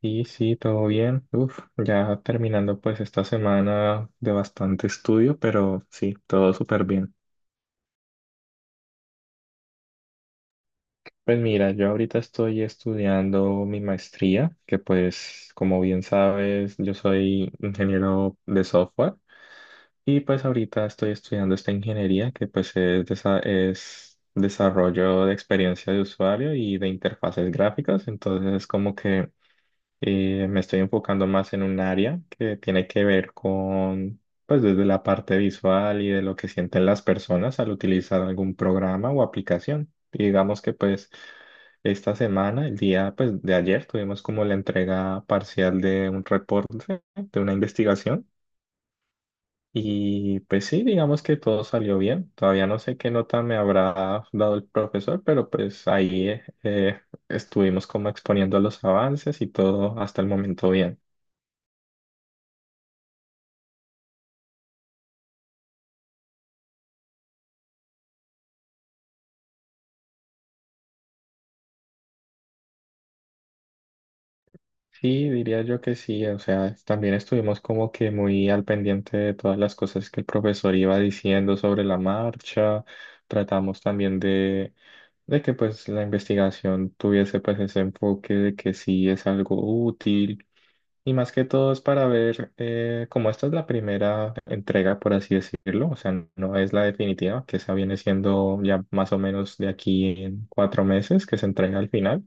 Sí, sí, todo bien. Uf, ya terminando pues esta semana de bastante estudio, pero sí, todo súper bien. Pues mira, yo ahorita estoy estudiando mi maestría, que pues como bien sabes, yo soy ingeniero de software y pues ahorita estoy estudiando esta ingeniería que pues es desarrollo de experiencia de usuario y de interfaces gráficas, entonces es como que... Me estoy enfocando más en un área que tiene que ver con, pues desde la parte visual y de lo que sienten las personas al utilizar algún programa o aplicación. Y digamos que pues esta semana, el día pues de ayer, tuvimos como la entrega parcial de un reporte, de una investigación. Y pues sí, digamos que todo salió bien. Todavía no sé qué nota me habrá dado el profesor, pero pues ahí estuvimos como exponiendo los avances y todo hasta el momento bien. Sí, diría yo que sí, o sea, también estuvimos como que muy al pendiente de todas las cosas que el profesor iba diciendo sobre la marcha, tratamos también de que pues la investigación tuviese pues ese enfoque de que sí es algo útil y más que todo es para ver como esta es la primera entrega, por así decirlo, o sea, no es la definitiva, que esa viene siendo ya más o menos de aquí en 4 meses que se entrega al final.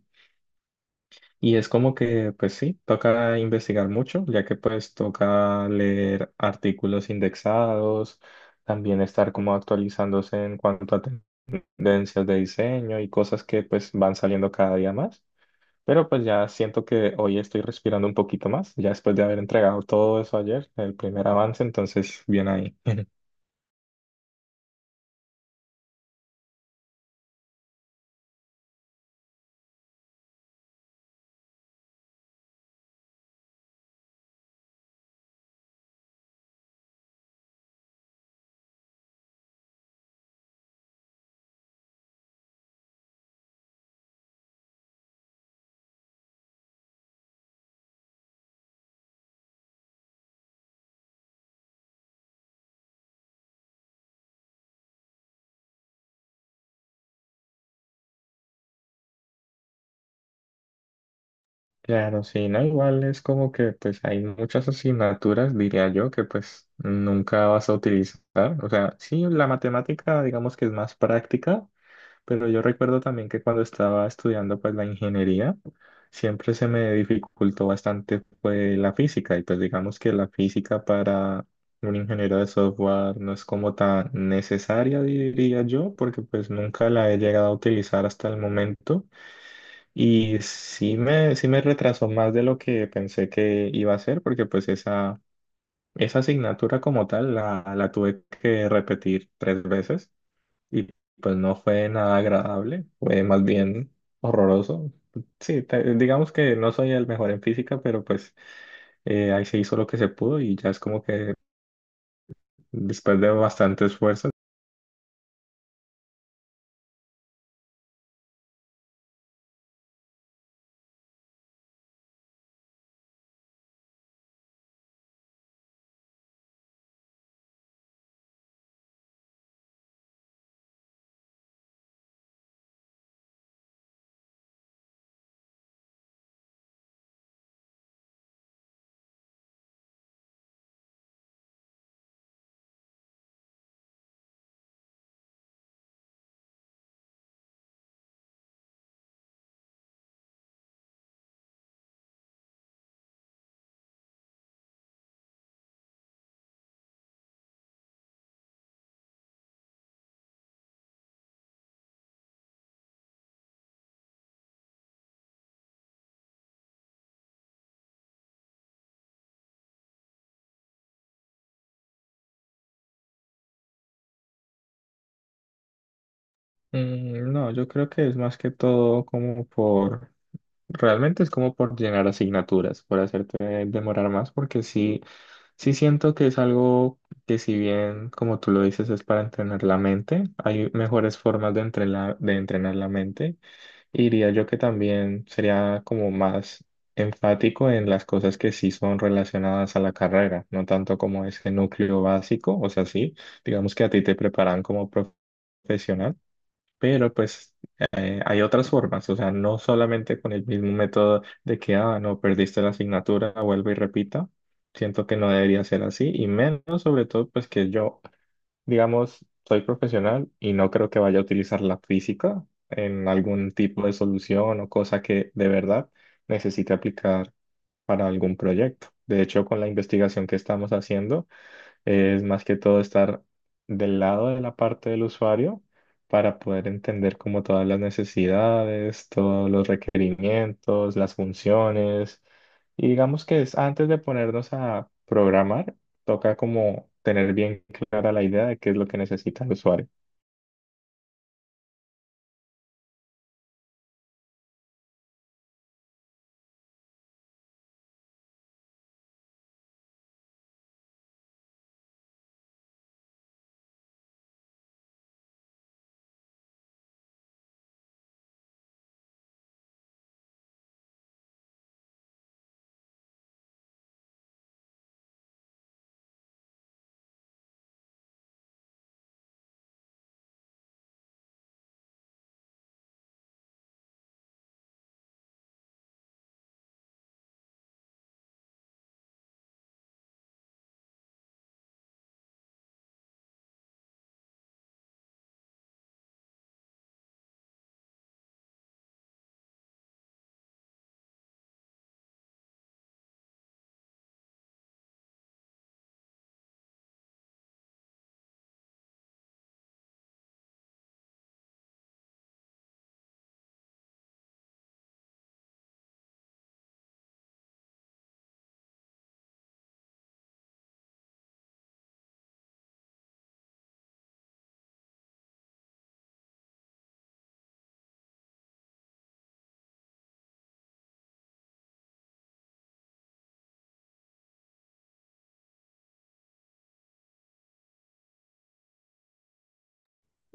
Y es como que, pues sí, toca investigar mucho, ya que pues toca leer artículos indexados, también estar como actualizándose en cuanto a tendencias de diseño y cosas que pues van saliendo cada día más. Pero pues ya siento que hoy estoy respirando un poquito más, ya después de haber entregado todo eso ayer, el primer avance, entonces bien ahí. Claro, sí, no, igual es como que pues hay muchas asignaturas, diría yo, que pues nunca vas a utilizar. O sea, sí, la matemática digamos que es más práctica, pero yo recuerdo también que cuando estaba estudiando pues la ingeniería, siempre se me dificultó bastante pues la física y pues digamos que la física para un ingeniero de software no es como tan necesaria, diría yo, porque pues nunca la he llegado a utilizar hasta el momento. Y sí me retrasó más de lo que pensé que iba a hacer, porque pues esa asignatura como tal la tuve que repetir 3 veces y pues no fue nada agradable, fue más bien horroroso. Sí, digamos que no soy el mejor en física, pero pues ahí se hizo lo que se pudo y ya es como que después de bastante esfuerzo. Mm, no, yo creo que es más que todo como por... Realmente es como por llenar asignaturas, por hacerte demorar más, porque sí, sí siento que es algo que si bien, como tú lo dices, es para entrenar la mente, hay mejores formas de entrenar la mente. Y diría yo que también sería como más enfático en las cosas que sí son relacionadas a la carrera, no tanto como ese núcleo básico, o sea, sí, digamos que a ti te preparan como profesional pero pues hay otras formas, o sea, no solamente con el mismo método de que, ah, no, perdiste la asignatura, vuelve y repita. Siento que no debería ser así y menos sobre todo pues que yo, digamos, soy profesional y no creo que vaya a utilizar la física en algún tipo de solución o cosa que de verdad necesite aplicar para algún proyecto. De hecho, con la investigación que estamos haciendo, es más que todo estar del lado de la parte del usuario para poder entender como todas las necesidades, todos los requerimientos, las funciones. Y digamos que es antes de ponernos a programar, toca como tener bien clara la idea de qué es lo que necesita el usuario.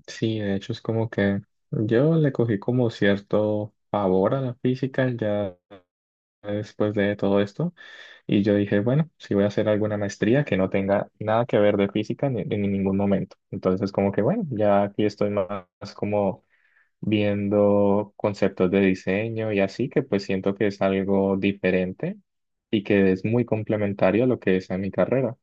Sí, de hecho es como que yo le cogí como cierto favor a la física ya después de todo esto. Y yo dije, bueno, si voy a hacer alguna maestría que no tenga nada que ver de física ni, en ningún momento. Entonces, como que bueno, ya aquí estoy más como viendo conceptos de diseño y así, que pues siento que es algo diferente y que es muy complementario a lo que es a mi carrera.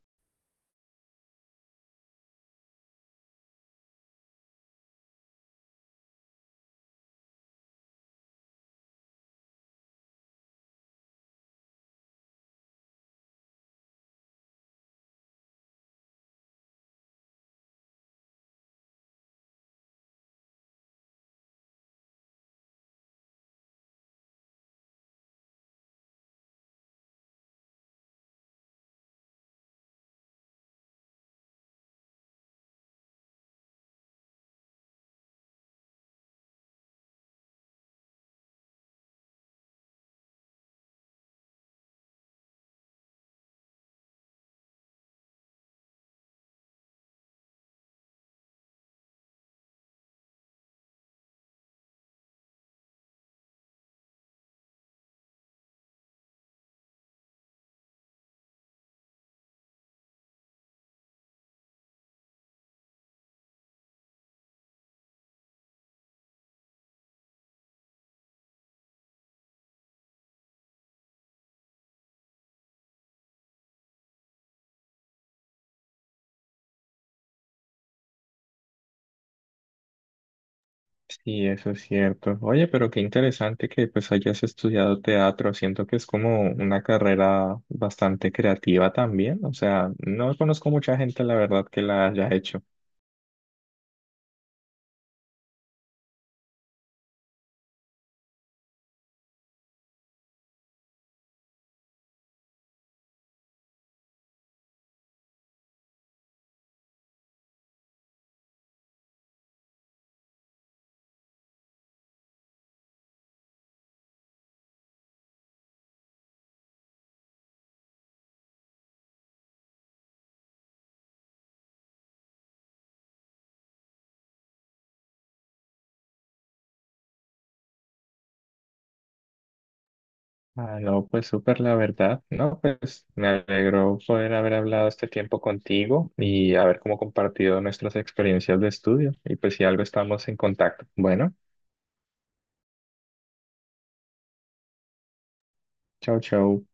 Sí, eso es cierto. Oye, pero qué interesante que pues hayas estudiado teatro. Siento que es como una carrera bastante creativa también. O sea, no conozco mucha gente, la verdad, que la haya hecho. Ah, no, pues súper la verdad, ¿no? Pues me alegró poder haber hablado este tiempo contigo y haber como compartido nuestras experiencias de estudio. Y pues si algo estamos en contacto. Bueno, chau, chau.